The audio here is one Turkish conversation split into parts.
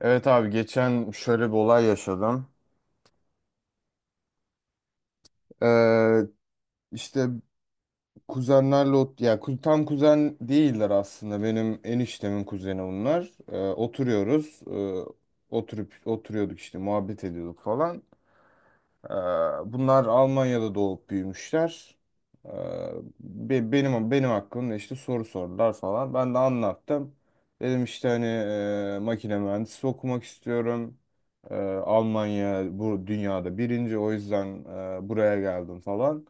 Evet abi geçen şöyle bir olay yaşadım. Ee, işte kuzenlerle tam kuzen değiller aslında. Benim eniştemin kuzeni bunlar. Oturuyoruz. Oturup oturuyorduk işte muhabbet ediyorduk falan. Ee, Bunlar Almanya'da doğup büyümüşler. Ee, benim hakkımda işte soru sordular falan. Ben de anlattım. Dedim işte hani makine mühendisi okumak istiyorum. Ee, Almanya bu dünyada birinci, o yüzden buraya geldim falan.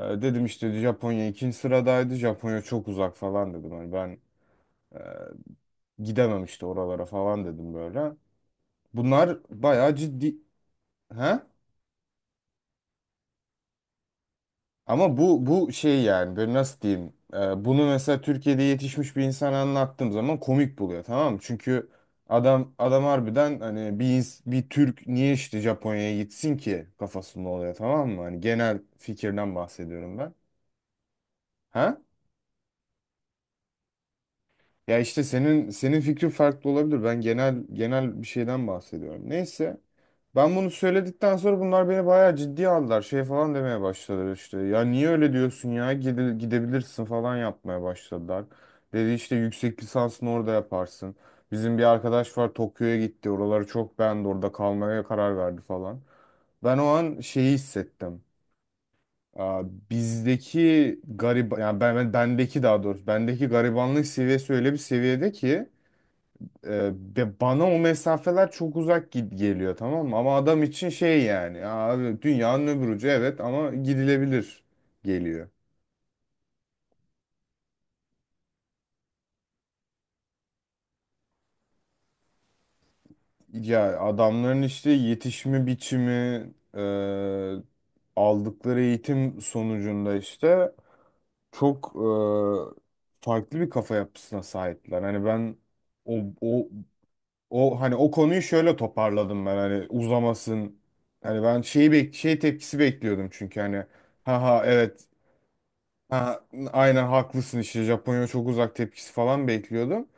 Dedim işte Japonya ikinci sıradaydı. Japonya çok uzak falan dedim. Hani ben e, gidemem işte oralara falan dedim böyle. Bunlar bayağı ciddi. He? Ama bu şey, yani böyle nasıl diyeyim, bunu mesela Türkiye'de yetişmiş bir insana anlattığım zaman komik buluyor, tamam mı? Çünkü adam harbiden hani bir Türk niye işte Japonya'ya gitsin ki kafasında oluyor, tamam mı? Hani genel fikirden bahsediyorum ben. Ha? Ya işte senin fikrin farklı olabilir. Ben genel bir şeyden bahsediyorum. Neyse. Ben bunu söyledikten sonra bunlar beni bayağı ciddiye aldılar. Şey falan demeye başladılar işte. Ya niye öyle diyorsun ya? Gidebilirsin falan yapmaya başladılar. Dedi işte yüksek lisansını orada yaparsın. Bizim bir arkadaş var, Tokyo'ya gitti. Oraları çok beğendi. Orada kalmaya karar verdi falan. Ben o an şeyi hissettim. Aa, bizdeki garip yani bendeki, daha doğrusu bendeki garibanlık seviyesi öyle bir seviyede ki bana o mesafeler çok uzak geliyor, tamam mı? Ama adam için şey, yani "Ya abi, dünyanın öbür ucu, evet, ama gidilebilir" geliyor. Ya adamların işte yetişme biçimi, e, aldıkları eğitim sonucunda işte çok farklı bir kafa yapısına sahipler. Hani ben o, o O hani o konuyu şöyle toparladım, ben hani uzamasın. Hani ben şeyi şey tepkisi bekliyordum, çünkü hani "ha ha, evet, ha, aynen haklısın" işte, Japonya çok uzak tepkisi falan bekliyordum.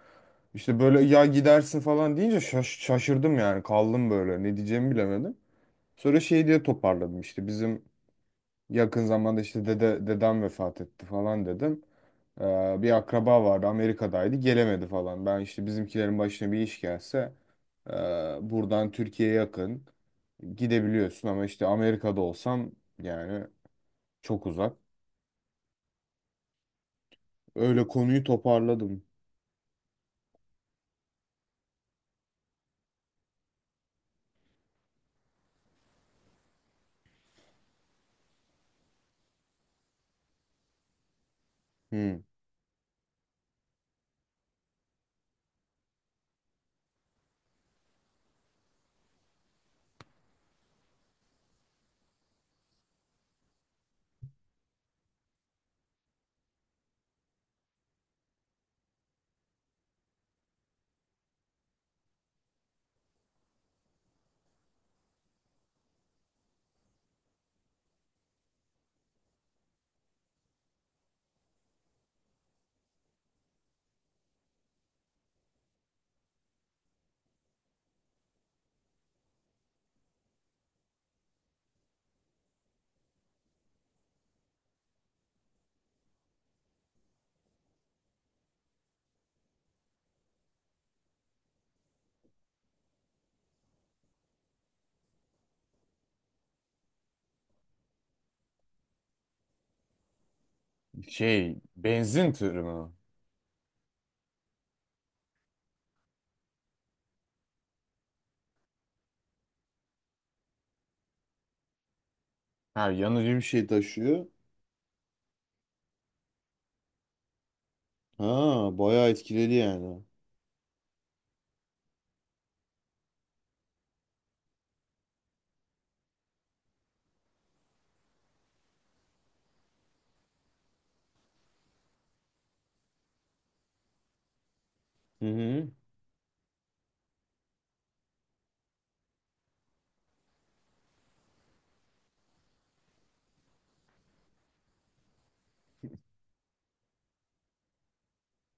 İşte böyle "ya, gidersin" falan deyince şaşırdım, yani kaldım böyle, ne diyeceğimi bilemedim. Sonra şey diye toparladım işte, bizim yakın zamanda işte dedem vefat etti falan dedim. Bir akraba vardı, Amerika'daydı, gelemedi falan. Ben işte bizimkilerin başına bir iş gelse e, buradan Türkiye'ye yakın, gidebiliyorsun, ama işte Amerika'da olsam yani çok uzak. Öyle konuyu toparladım. Hmm. Şey, benzin tırı mı? Ha, yanıcı bir şey taşıyor. Ha, bayağı etkiledi yani. Hı hı.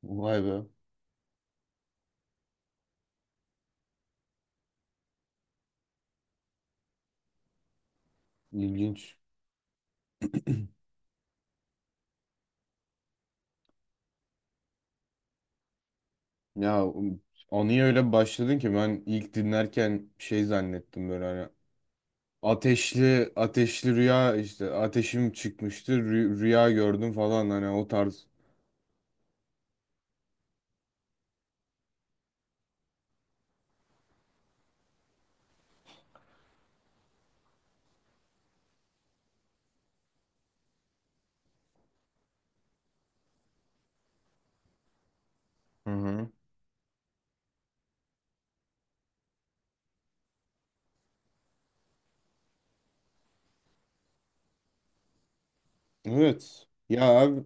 Vay be. İlginç. Ya anıya öyle başladın ki, ben ilk dinlerken şey zannettim, böyle hani ateşli ateşli rüya, işte ateşim çıkmıştı, rüya gördüm falan, hani o tarz. Hı hı. Evet. Ya abi,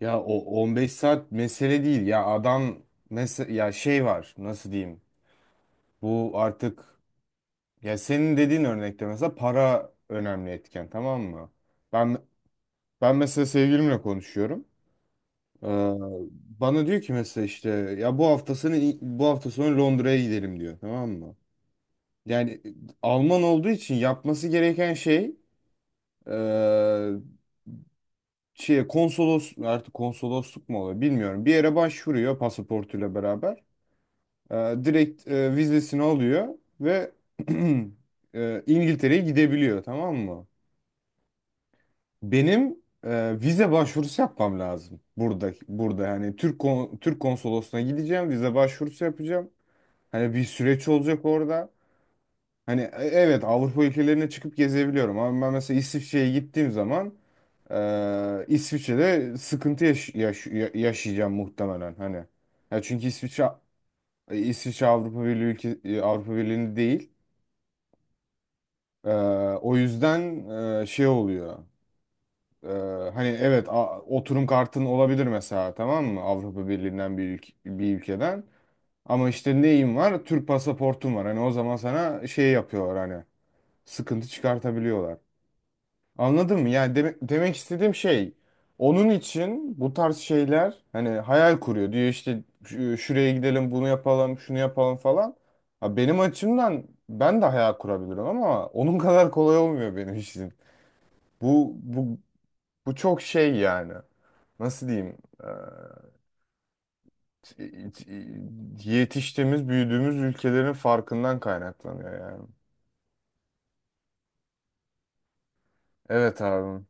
ya o 15 saat mesele değil ya adam, mesela ya şey var, nasıl diyeyim? Bu artık, ya senin dediğin örnekte mesela para önemli etken, tamam mı? Ben ben mesela sevgilimle konuşuyorum. Ee, bana diyor ki mesela işte, ya bu hafta sonu, Londra'ya gidelim diyor, tamam mı? Yani Alman olduğu için yapması gereken şey, eee şey, konsolos, artık konsolosluk mu oluyor bilmiyorum, bir yere başvuruyor pasaportuyla beraber. Direkt vizesini alıyor ve İngiltere'ye gidebiliyor, tamam mı? Benim vize başvurusu yapmam lazım. Burada yani Türk konsolosluğuna gideceğim, vize başvurusu yapacağım. Hani bir süreç olacak orada. Hani evet, Avrupa ülkelerine çıkıp gezebiliyorum, ama ben mesela İsviçre'ye gittiğim zaman İsviçre'de sıkıntı yaşayacağım muhtemelen hani. Ya çünkü İsviçre Avrupa Birliği'nde değil. E, o yüzden şey oluyor. E, hani evet, oturum kartın olabilir mesela, tamam mı? Avrupa Birliği'nden bir ülkeden. Ama işte neyim var? Türk pasaportum var. Hani o zaman sana şey yapıyorlar, hani sıkıntı çıkartabiliyorlar. Anladın mı? Yani demek istediğim şey, onun için bu tarz şeyler hani hayal kuruyor. Diyor işte "Şuraya gidelim, bunu yapalım, şunu yapalım" falan. Ha, benim açımdan ben de hayal kurabilirim, ama onun kadar kolay olmuyor benim için. Bu bu bu çok şey yani. Nasıl diyeyim? Ee, yetiştiğimiz, büyüdüğümüz ülkelerin farkından kaynaklanıyor yani. Evet abi.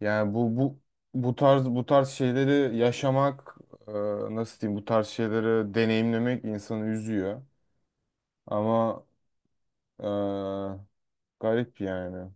Yani bu tarz şeyleri yaşamak, e, nasıl diyeyim, bu tarz şeyleri deneyimlemek insanı üzüyor, ama e, garip yani.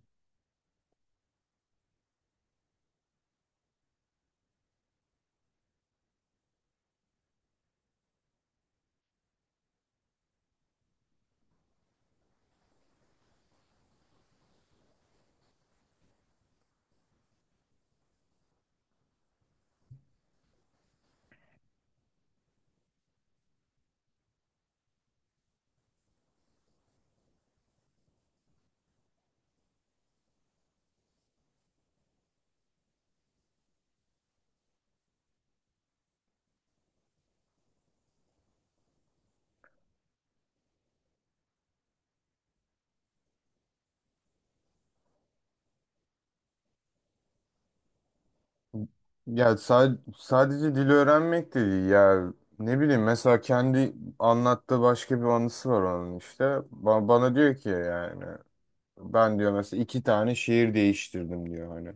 Ya sadece dil öğrenmek de değil ya, ne bileyim, mesela kendi anlattığı başka bir anısı var onun, işte bana diyor ki, yani ben diyor mesela iki tane şehir değiştirdim diyor hani.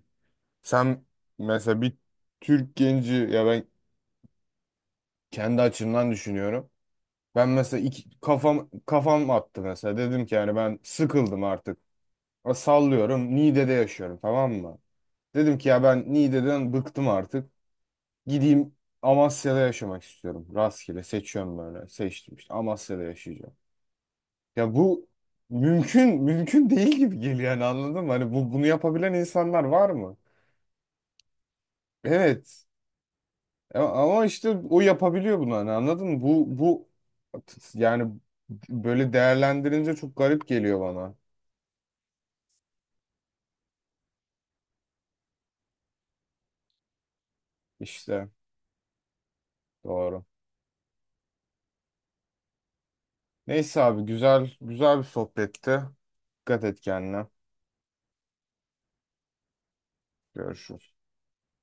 Sen mesela bir Türk genci, ya ben kendi açımdan düşünüyorum. Ben mesela kafam attı mesela. Dedim ki yani ben sıkıldım artık. Sallıyorum, Niğde'de yaşıyorum tamam mı? Dedim ki ya ben Niğde'den bıktım artık. Gideyim, Amasya'da yaşamak istiyorum. Rastgele seçiyorum böyle. Seçtim işte, Amasya'da yaşayacağım. Ya bu mümkün değil gibi geliyor yani, anladın mı? Hani bunu yapabilen insanlar var mı? Evet. Ama işte o yapabiliyor bunu, hani anladın mı? Bu yani, böyle değerlendirince çok garip geliyor bana. İşte doğru. Neyse abi, güzel güzel bir sohbetti. Dikkat et kendine. Görüşürüz.